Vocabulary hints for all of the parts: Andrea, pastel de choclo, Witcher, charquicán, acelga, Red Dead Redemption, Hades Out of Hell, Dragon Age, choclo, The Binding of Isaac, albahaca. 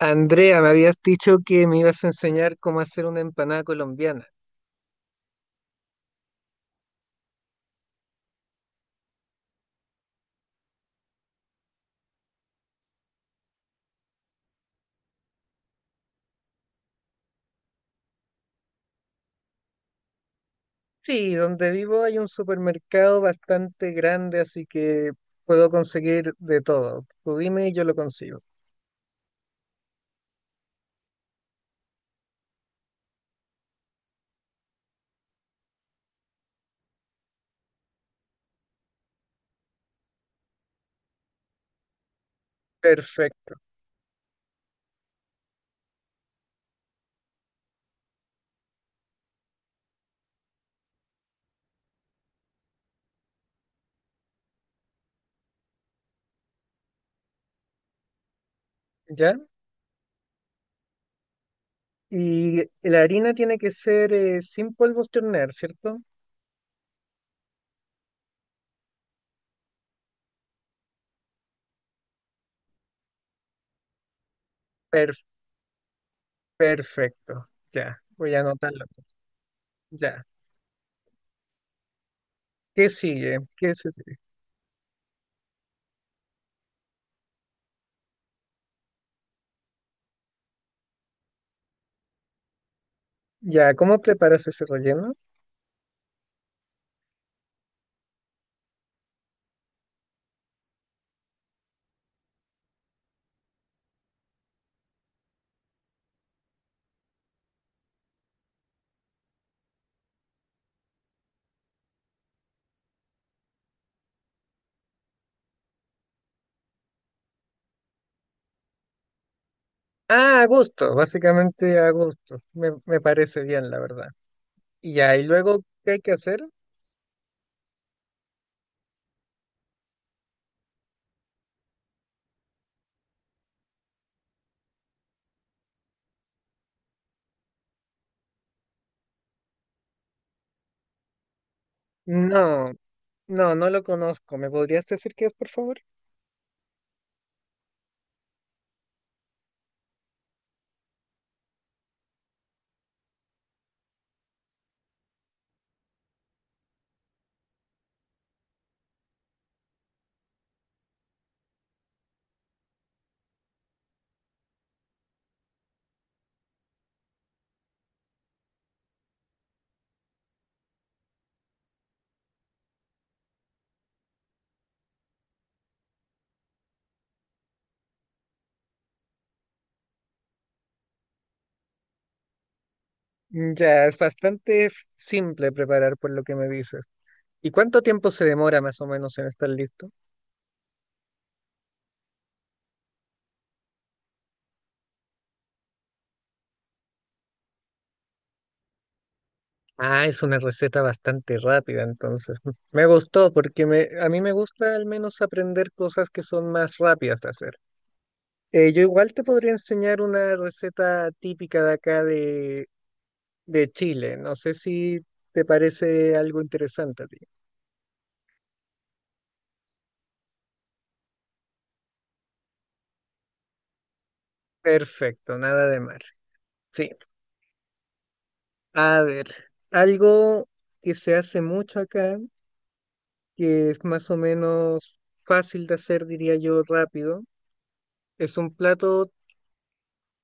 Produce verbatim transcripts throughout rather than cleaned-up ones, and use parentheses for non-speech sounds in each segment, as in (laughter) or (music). Andrea, me habías dicho que me ibas a enseñar cómo hacer una empanada colombiana. Sí, donde vivo hay un supermercado bastante grande, así que puedo conseguir de todo. Tú dime y yo lo consigo. Perfecto, ¿ya? Y la harina tiene que ser eh, sin polvos de hornear, ¿cierto? Per- perfecto, ya, voy a anotarlo. Ya, ¿qué sigue? ¿Qué se sigue? Ya, ¿cómo preparas ese relleno? Ah, a gusto, básicamente a gusto. Me, me parece bien, la verdad. Y ya, y luego, ¿qué hay que hacer? No, no, no lo conozco. ¿Me podrías decir qué es, por favor? Ya, es bastante f- simple preparar por lo que me dices. ¿Y cuánto tiempo se demora más o menos en estar listo? Ah, es una receta bastante rápida, entonces. (laughs) Me gustó porque me, a mí me gusta al menos aprender cosas que son más rápidas de hacer. Eh, yo igual te podría enseñar una receta típica de acá de, de Chile. No sé si te parece algo interesante a ti. Perfecto, nada de mar. Sí. A ver, algo que se hace mucho acá, que es más o menos fácil de hacer, diría yo, rápido, es un plato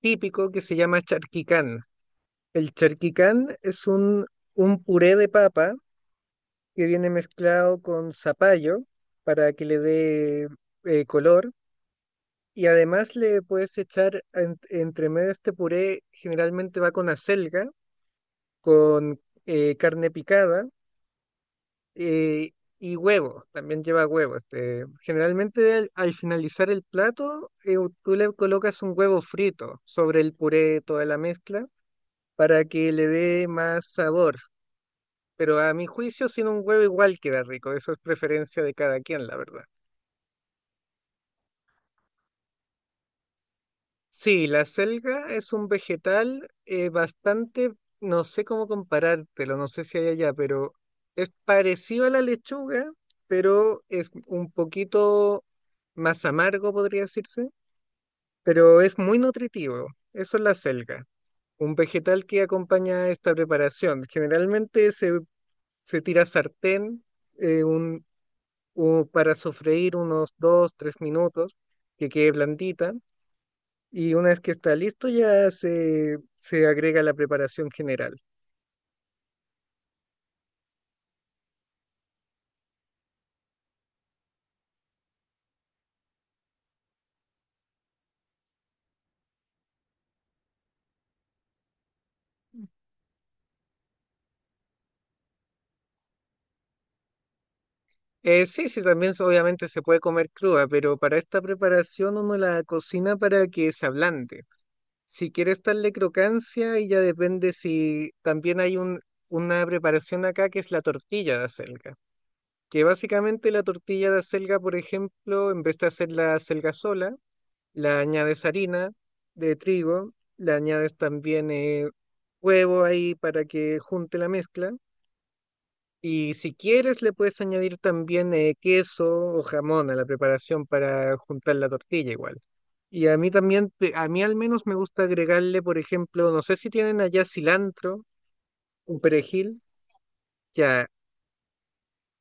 típico que se llama charquicán. El charquicán es un, un puré de papa que viene mezclado con zapallo para que le dé eh, color. Y además le puedes echar en- entre medio de este puré, generalmente va con acelga, con eh, carne picada eh, y huevo, también lleva huevo. Este, generalmente al, al finalizar el plato, eh, tú le colocas un huevo frito sobre el puré, toda la mezcla, para que le dé más sabor. Pero a mi juicio, sin un huevo igual queda rico. Eso es preferencia de cada quien, la verdad. Sí, la selga es un vegetal eh, bastante, no sé cómo comparártelo, no sé si hay allá, pero es parecido a la lechuga, pero es un poquito más amargo, podría decirse, pero es muy nutritivo. Eso es la selga, un vegetal que acompaña esta preparación. Generalmente se, se tira a sartén eh, un, u- para sofreír unos dos, tres minutos, que quede blandita y una vez que está listo, ya se, se agrega la preparación general. Eh, sí, sí, también se- obviamente se puede comer cruda, pero para esta preparación uno la cocina para que se ablande. Si quieres darle crocancia, y ya depende si también hay un, una preparación acá que es la tortilla de acelga. Que básicamente la tortilla de acelga, por ejemplo, en vez de hacer la acelga sola, la añades harina de trigo, le añades también eh, huevo ahí para que junte la mezcla. Y si quieres, le puedes añadir también eh, queso o jamón a la preparación para juntar la tortilla igual. Y a mí también, pe- a mí al menos me gusta agregarle, por ejemplo, no sé si tienen allá cilantro, un perejil, ya,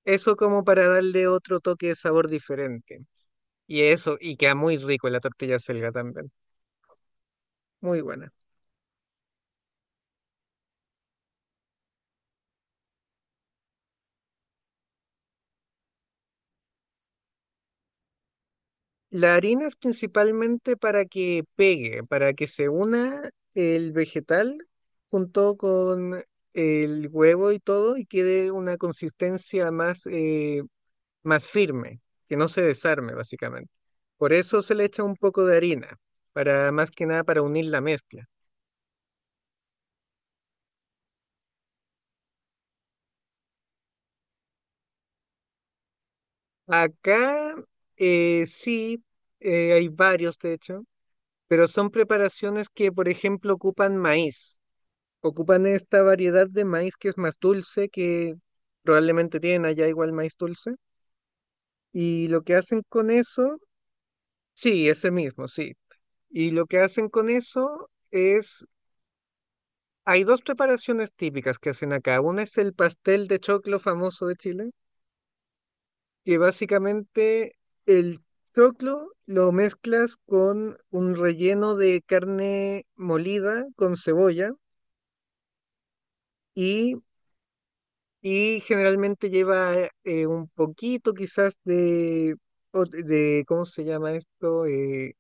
eso como para darle otro toque de sabor diferente. Y eso, y queda muy rico la tortilla selga también, muy buena. La harina es principalmente para que pegue, para que se una el vegetal junto con el huevo y todo y quede una consistencia más, eh, más firme, que no se desarme básicamente. Por eso se le echa un poco de harina, para más que nada para unir la mezcla. Acá eh, sí, eh, hay varios de hecho, pero son preparaciones que, por ejemplo, ocupan maíz. Ocupan esta variedad de maíz que es más dulce, que probablemente tienen allá igual maíz dulce. Y lo que hacen con eso, sí, ese mismo, sí. Y lo que hacen con eso es, hay dos preparaciones típicas que hacen acá. Una es el pastel de choclo famoso de Chile, que básicamente el choclo lo mezclas con un relleno de carne molida con cebolla. y Y generalmente lleva eh, un poquito quizás de, o- de, ¿cómo se llama esto? Eh,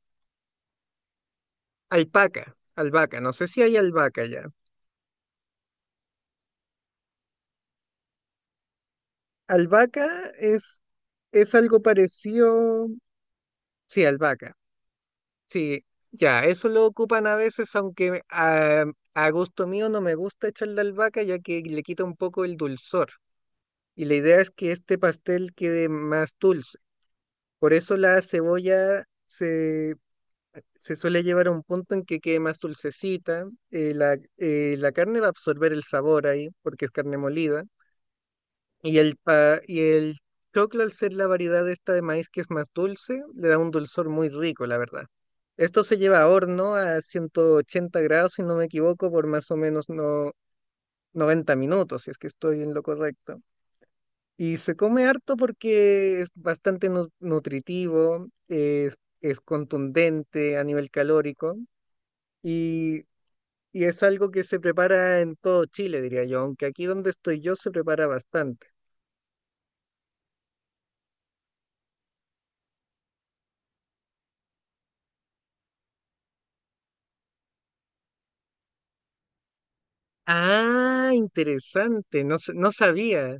Alpaca, albahaca, no sé si hay albahaca ya. Albahaca es, es algo parecido, sí, albahaca, sí, ya, eso lo ocupan a veces, aunque a, a gusto mío no me gusta echarle albahaca ya que le quita un poco el dulzor. Y la idea es que este pastel quede más dulce. Por eso la cebolla se se suele llevar a un punto en que quede más dulcecita, eh, la, eh, la carne va a absorber el sabor ahí, porque es carne molida, y el, pa- y el choclo al ser la variedad esta de maíz que es más dulce, le da un dulzor muy rico, la verdad. Esto se lleva a horno a ciento ochenta grados, si no me equivoco, por más o menos no, noventa minutos, si es que estoy en lo correcto. Y se come harto porque es bastante nu- nutritivo, es es contundente a nivel calórico. Y y es algo que se prepara en todo Chile, diría yo, aunque aquí donde estoy yo se prepara bastante. Ah, interesante, no, sa- no sabía.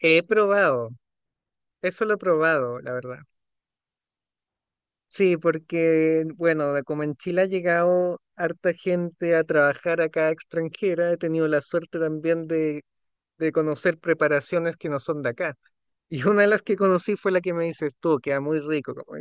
He probado, eso lo he probado, la verdad. Sí, porque, bueno, de como en Chile ha llegado harta gente a trabajar acá extranjera, he tenido la suerte también de, de conocer preparaciones que no son de acá. (laughs) Y una de las que conocí fue la que me dices tú, queda muy rico, como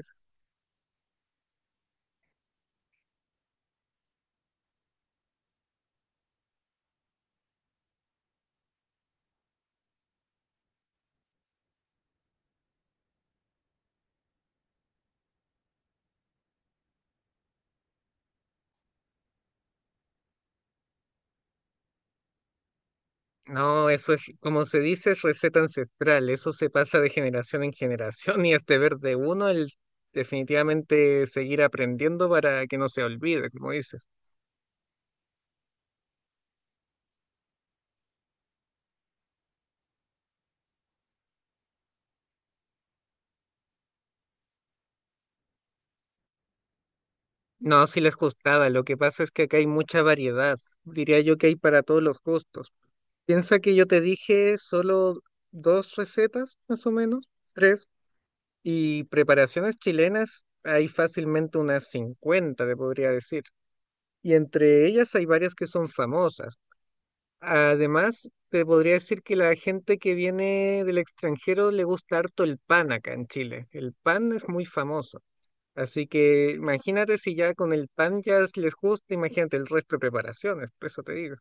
no, eso es, como se dice, es receta ancestral. Eso se pasa de generación en generación y es deber de uno el definitivamente seguir aprendiendo para que no se olvide, como dices. No, si les gustaba. Lo que pasa es que acá hay mucha variedad. Diría yo que hay para todos los gustos. Piensa que yo te dije solo dos recetas, más o menos, tres. Y preparaciones chilenas hay fácilmente unas cincuenta te podría decir. Y entre ellas hay varias que son famosas. Además, te podría decir que la gente que viene del extranjero le gusta harto el pan acá en Chile. El pan es muy famoso. Así que imagínate si ya con el pan ya es- les gusta, imagínate el resto de preparaciones, por eso te digo.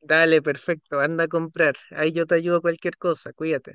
Dale, perfecto, anda a comprar. Ahí yo te ayudo cualquier cosa, cuídate.